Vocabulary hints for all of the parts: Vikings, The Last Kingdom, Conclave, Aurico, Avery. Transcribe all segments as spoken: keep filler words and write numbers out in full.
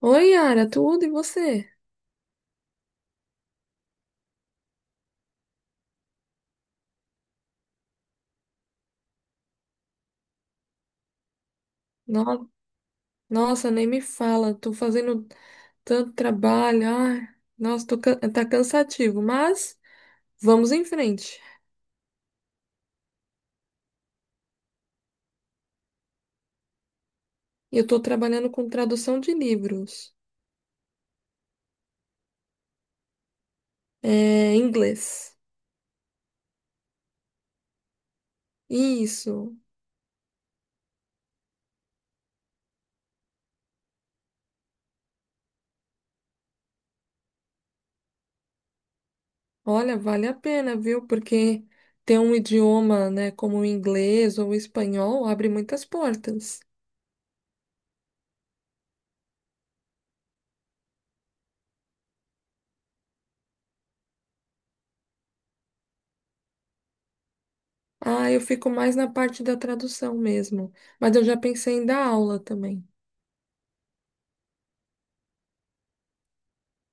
Oi, Yara, tudo e você? No- Nossa, nem me fala, tô fazendo tanto trabalho, ai, nossa, tô can- tá cansativo, mas vamos em frente. Eu tô trabalhando com tradução de livros, é, em inglês. Isso, olha, vale a pena, viu? Porque ter um idioma, né, como o inglês ou o espanhol abre muitas portas. Ah, eu fico mais na parte da tradução mesmo, mas eu já pensei em dar aula também.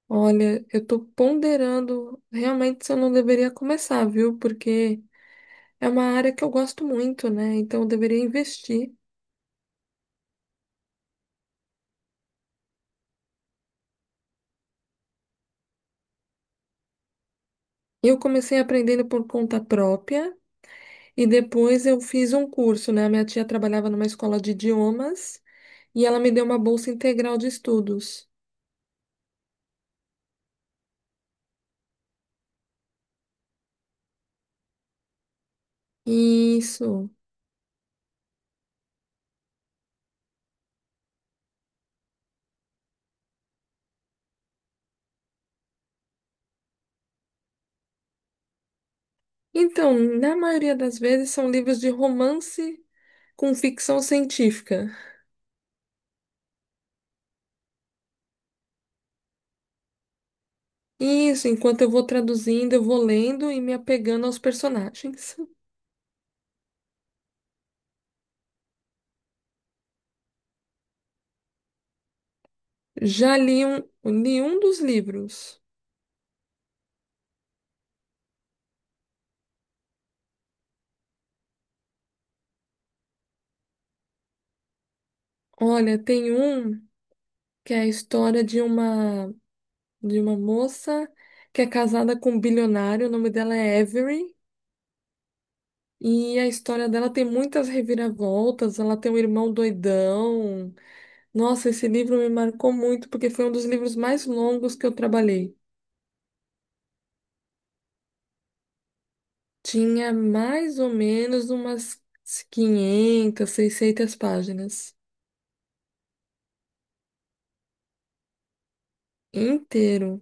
Olha, eu tô ponderando realmente se eu não deveria começar, viu? Porque é uma área que eu gosto muito, né? Então eu deveria investir. Eu comecei aprendendo por conta própria e depois eu fiz um curso, né? A minha tia trabalhava numa escola de idiomas e ela me deu uma bolsa integral de estudos. Isso. Então, na maioria das vezes são livros de romance com ficção científica. Isso, enquanto eu vou traduzindo, eu vou lendo e me apegando aos personagens. Já li um, li um dos livros. Olha, tem um que é a história de uma de uma moça que é casada com um bilionário, o nome dela é Avery, e a história dela tem muitas reviravoltas, ela tem um irmão doidão. Nossa, esse livro me marcou muito porque foi um dos livros mais longos que eu trabalhei. Tinha mais ou menos umas quinhentas, seiscentas páginas inteiro.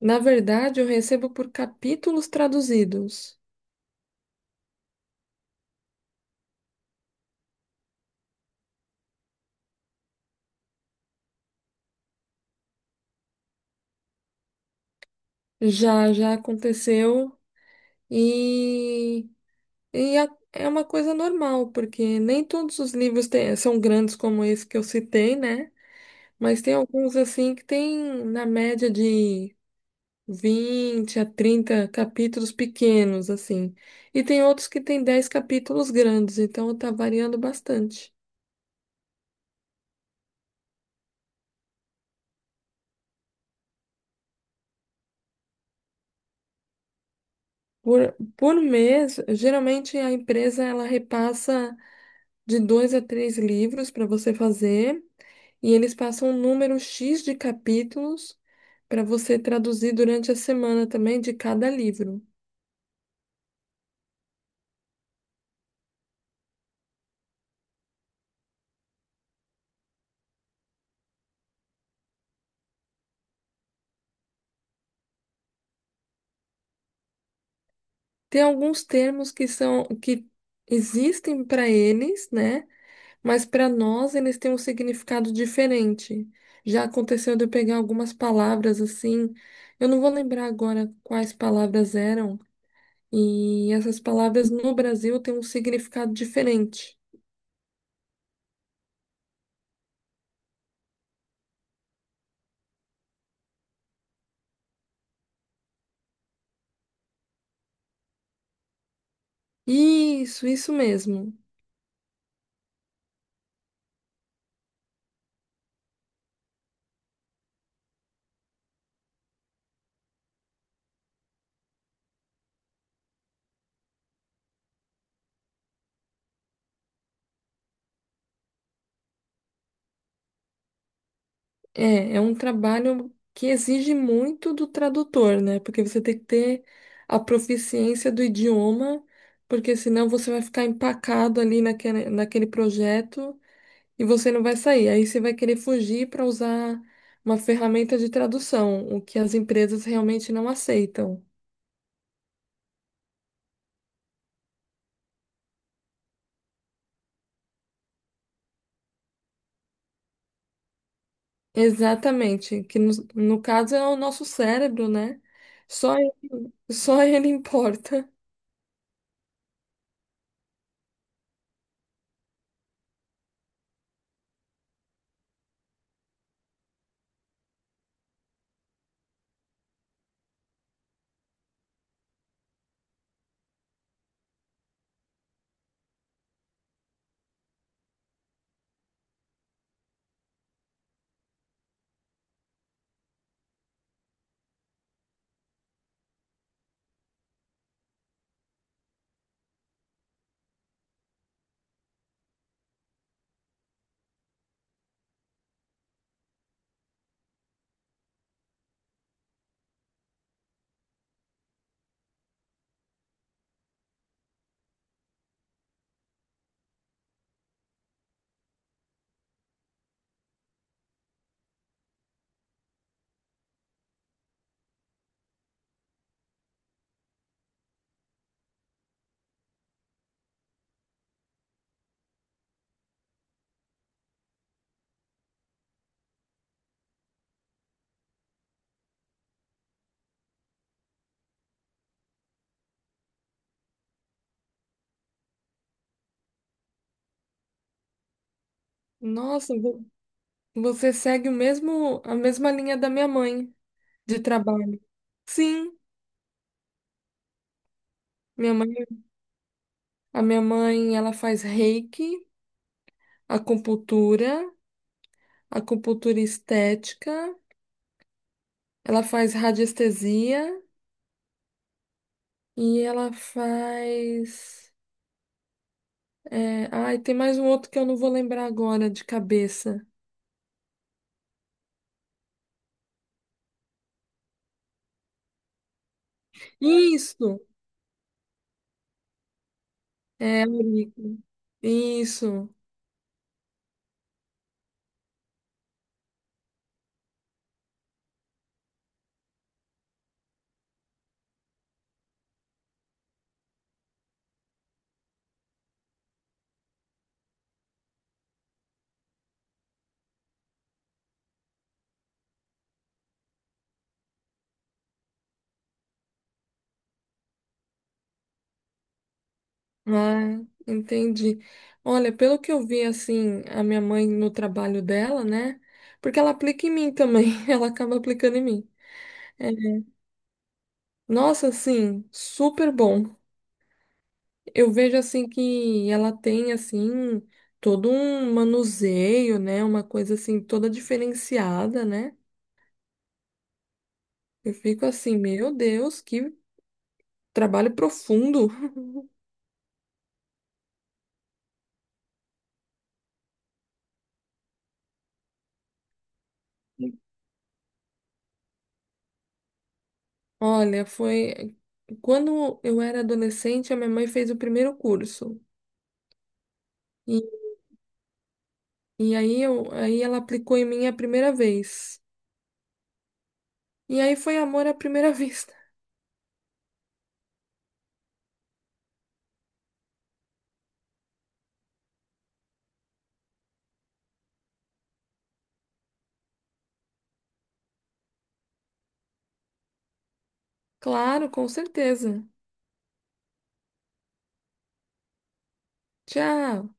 Na verdade, eu recebo por capítulos traduzidos. Já, já aconteceu e, e a- é uma coisa normal, porque nem todos os livros têm- são grandes como esse que eu citei, né? Mas tem alguns assim que tem na média de vinte a trinta capítulos pequenos, assim. E tem outros que tem dez capítulos grandes, então tá variando bastante. Por, por mês, geralmente a empresa ela repassa de dois a três livros para você fazer, e eles passam um número xis de capítulos para você traduzir durante a semana também de cada livro. Tem alguns termos que são que existem para eles, né? Mas para nós eles têm um significado diferente. Já aconteceu de eu pegar algumas palavras assim, eu não vou lembrar agora quais palavras eram, e essas palavras no Brasil têm um significado diferente. Isso, isso mesmo. É, é um trabalho que exige muito do tradutor, né? Porque você tem que ter a proficiência do idioma, porque senão você vai ficar empacado ali naquele, naquele projeto e você não vai sair. Aí você vai querer fugir para usar uma ferramenta de tradução, o que as empresas realmente não aceitam. Exatamente, que no, no caso é o nosso cérebro, né? Só, só ele importa. Nossa, vo- você segue o mesmo, a mesma linha da minha mãe. De trabalho. Sim, minha mãe, a minha mãe, ela faz reiki, acupuntura, acupuntura estética, ela faz radiestesia e ela faz é, ai, tem mais um outro que eu não vou lembrar agora de cabeça. Isso, é, Aurico, isso. Ah, entendi. Olha, pelo que eu vi assim, a minha mãe no trabalho dela, né? Porque ela aplica em mim também, ela acaba aplicando em mim. É, nossa, assim, super bom. Eu vejo assim que ela tem assim todo um manuseio, né? Uma coisa assim toda diferenciada, né? Eu fico assim, meu Deus, que trabalho profundo. Olha, foi quando eu era adolescente, a minha mãe fez o primeiro curso. E, e aí, eu, aí ela aplicou em mim a primeira vez. E aí foi amor à primeira vista. Claro, com certeza. Tchau.